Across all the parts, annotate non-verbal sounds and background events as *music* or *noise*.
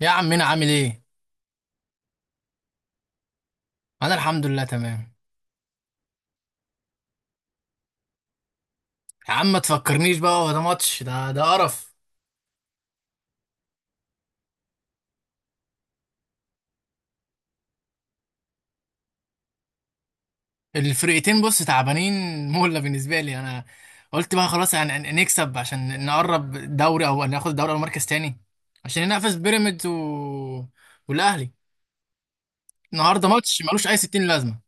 يا عم انا عامل ايه. انا الحمد لله تمام. يا عم ما تفكرنيش بقى، هو ده ماتش؟ ده قرف. الفرقتين بص تعبانين مولة بالنسبه لي انا. قلت بقى خلاص يعني نكسب عشان نقرب دوري او ناخد الدوري او مركز تاني عشان ننافس بيراميدز و... والاهلي. النهارده ماتش ملوش اي 60 لازمه.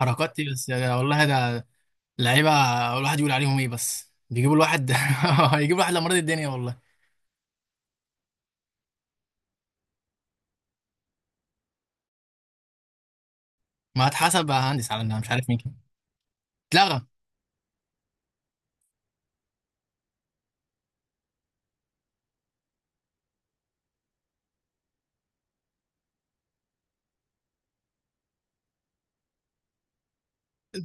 حركات ايه بس يا والله؟ ده لعيبه، الواحد يقول عليهم ايه؟ بس بيجيبوا الواحد *laughs* هيجيبوا الواحد لمريض الدنيا والله. ما هتحسب يا هندس على إنها مش عارف مين كده. اتلغى.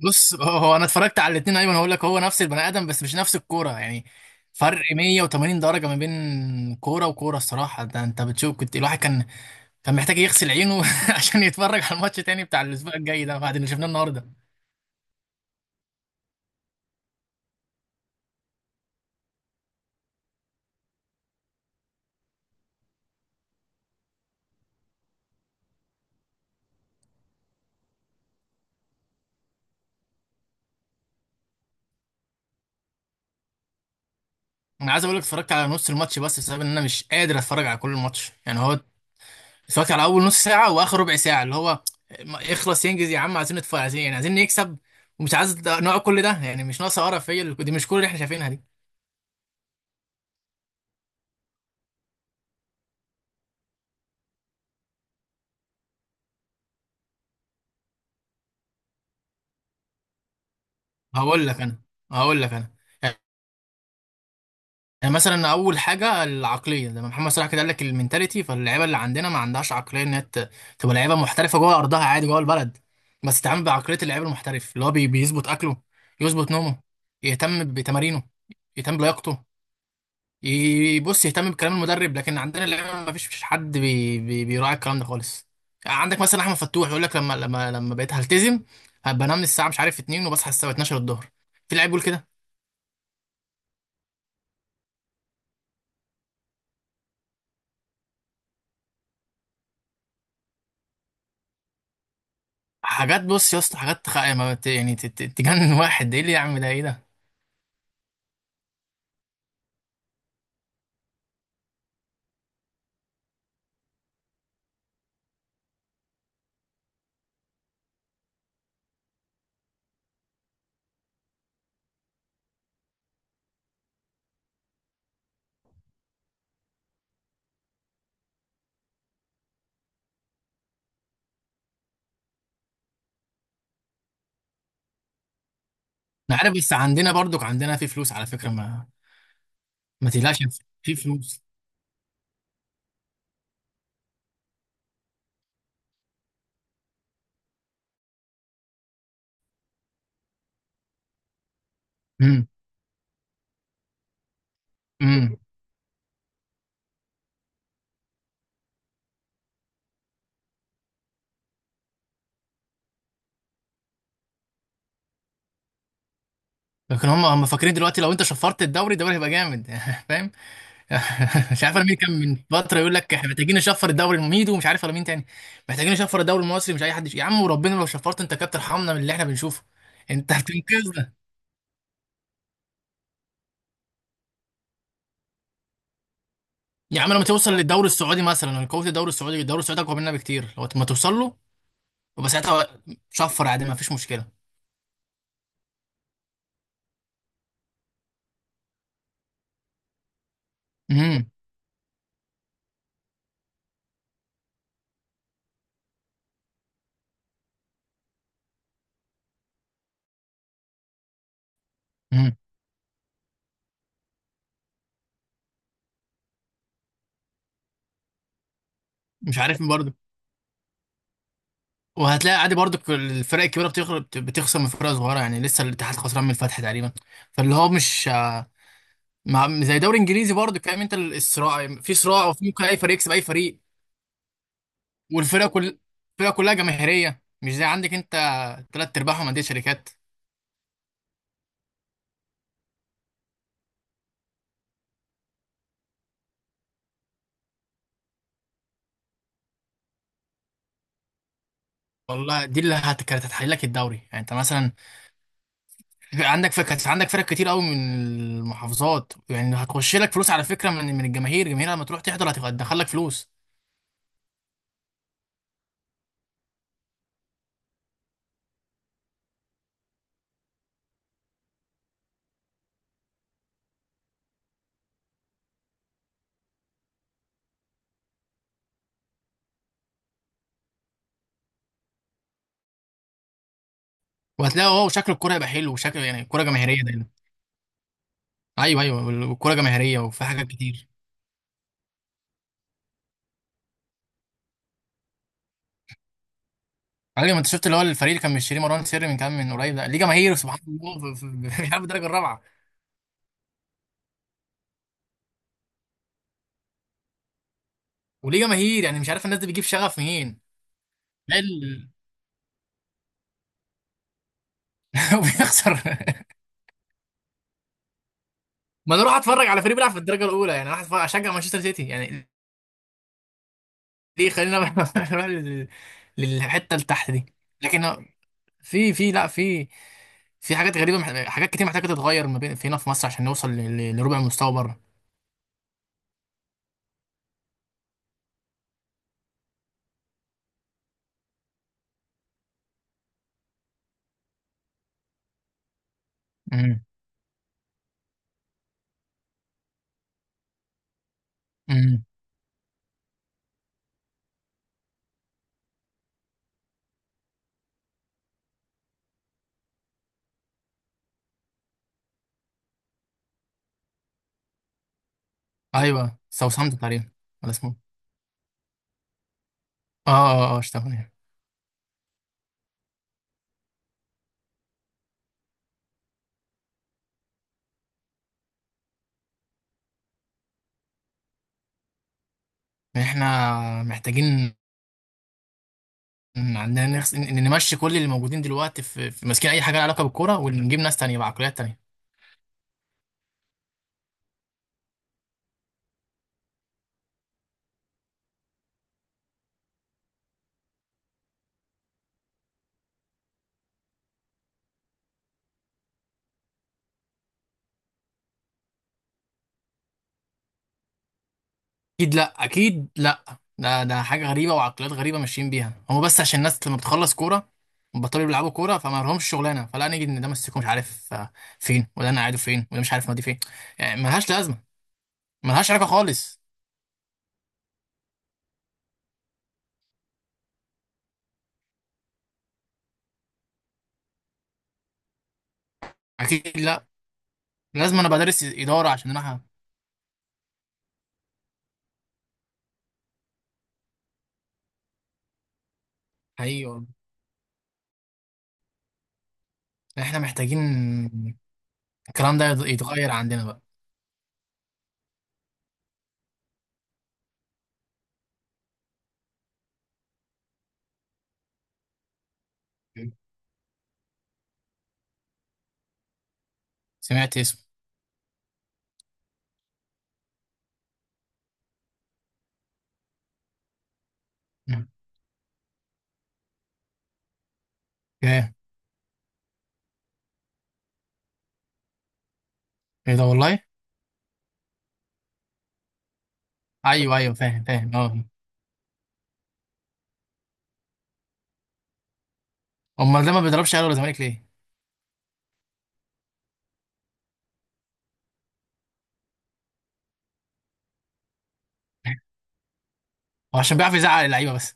بص، هو هو انا اتفرجت على الاثنين. ايوه انا هقول لك، هو نفس البني ادم بس مش نفس الكوره يعني. فرق 180 درجه ما بين كوره وكوره الصراحه. ده انت بتشوف كنت الواحد كان كان محتاج يغسل عينه *laughs* عشان يتفرج على الماتش تاني بتاع الاسبوع الجاي ده بعد اللي شفناه النهارده. انا عايز اقول لك، اتفرجت على نص الماتش بس بسبب ان انا مش قادر اتفرج على كل الماتش يعني. هو اتفرجت على اول نص ساعه واخر ربع ساعه اللي هو اخلص ينجز يا عم، عايزين نتفرج، عايزين يعني عايزين نكسب ومش عايز نقعد كل ده يعني. مش ناقصه قرف هي دي، مش كل اللي احنا شايفينها دي. هقول لك انا هقول لك انا يعني مثلا اول حاجه العقليه، لما محمد صلاح كده قال لك المينتاليتي. فاللعيبه اللي عندنا ما عندهاش عقليه ان هي تبقى لعيبه محترفه جوه ارضها عادي، جوه البلد بس تتعامل بعقليه اللعيب المحترف اللي هو بيظبط اكله، يظبط نومه، يهتم بتمارينه، يهتم بلياقته، يبص يهتم بكلام المدرب. لكن عندنا اللعيبه ما فيش حد بي بي بيراعي الكلام ده خالص. عندك مثلا احمد فتوح يقول لك، لما بقيت هلتزم، هبقى انام الساعه مش عارف 2 وبصحى الساعه 12 الظهر. في لعيب بيقول كده؟ حاجات، بص يا اسطى، حاجات تخ... يعني ما ت- يعني تجنن *laughs* واحد ده ايه اللي يعمل ده؟ ايه ده؟ انا عارف، بس عندنا برضك، عندنا في فلوس على فكره. ما ما تقلقش، في فلوس. امم. امم. لكن هم فاكرين دلوقتي لو انت شفرت الدوري، الدوري هيبقى جامد *laughs* فاهم؟ *laughs* مش عارف أنا مين كان من فتره يقول لك احنا محتاجين نشفر الدوري المميد ومش عارف ولا مين تاني. محتاجين نشفر الدوري المصري؟ مش اي حد يا عم، وربنا لو شفرت انت كابتن ارحمنا من اللي احنا بنشوفه. انت *laughs* هتنقذنا. يا عم لما توصل للدوري السعودي مثلا، أنا قوه الدوري السعودي، الدوري السعودي اقوى مننا بكتير. لو ما توصل له يبقى ساعتها شفر عادي، ما فيش مشكله. امم. امم. مش عارف برضه. وهتلاقي عادي برضه، الفرق الكبيره بتخسر، بتخسر من فرق صغيره يعني. لسه الاتحاد خسران من الفتح تقريبا. فاللي هو مش زي دوري انجليزي برضه، فاهم انت؟ الصراع في صراع، وفي ممكن اي فريق يكسب اي فريق. والفرق كل، الفرق كلها جماهيريه، مش زي عندك انت تلات ارباعهم انديه شركات. والله دي كانت هتحل لك الدوري يعني. انت مثلا عندك فكرة، عندك فرق كتير قوي من المحافظات يعني، هتخش لك فلوس على فكرة من من الجماهير، الجماهير لما تروح تحضر هتبقى هتدخل لك فلوس. وهتلاقي اه شكل الكورة يبقى حلو، وشكل يعني الكورة جماهيرية دايما. ايوه، ايوه، الكورة جماهيرية، وفي حاجات كتير. علي ما انت شفت، اللي هو الفريق اللي كان مشتري مروان سري من كام، من قريب ده، ليه جماهير سبحان الله، *laughs* بيلعب الدرجة الرابعة. وليه جماهير يعني، مش عارف الناس دي بتجيب شغف منين. لا *laughs* وبيخسر. ما انا اروح اتفرج على فريق بيلعب في الدرجة الأولى يعني، اروح اشجع مانشستر سيتي يعني. دي خلينا بقى *laughs* إحنا بقى للحته اللي تحت دي. لكن في في لا، في في حاجات غريبه، حاجات كتير محتاجه تتغير ما بين في هنا في مصر عشان نوصل لربع المستوى بره. امم. امم. ايوه ساوثهامبتون تقريبا. ولا اسمه، اه اه اه اشتغل. احنا محتاجين، إن عندنا نخس... إن نمشي كل اللي موجودين دلوقتي في، في ماسكين اي حاجه لها علاقه بالكوره، ونجيب ناس تانية بعقليات تانية. اكيد لا، اكيد لا. ده ده حاجه غريبه وعقليات غريبه ماشيين بيها هم، بس عشان الناس لما بتخلص كوره بطلوا يلعبوا كوره فما لهمش شغلانه، فلا نيجي ان ده مسكه مش عارف آه، فين، وده انا قاعده فين، وده مش عارف نادي فين. يعني ملهاش لازمه، ملهاش علاقه خالص. اكيد لا، لازم انا بدرس اداره عشان انا حقيقي والله. يعني احنا محتاجين الكلام ده يتغير عندنا بقى. سمعت اسمه. *laughs* ايه؟ ايه ده والله؟ ايوه ايوه، فاهم فاهم اه. امال ده ما بيضربش اهلي ولا زمالك ليه؟ هو عشان بيعرف يزعق اللعيبه بس.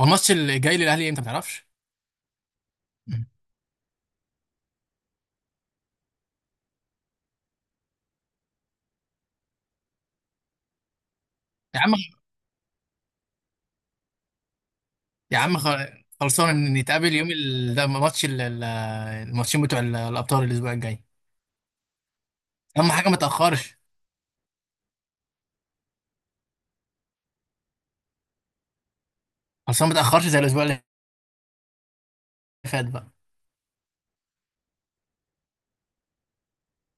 هو الماتش اللي جاي للاهلي امتى ما تعرفش؟ يا عم، يا عم خلصان نتقابل يوم ال... ده ماتش ال... الماتشين بتوع الابطال الاسبوع الجاي. اهم حاجه ما تاخرش. خلصان ما تاخرش زي الاسبوع اللي فات بقى.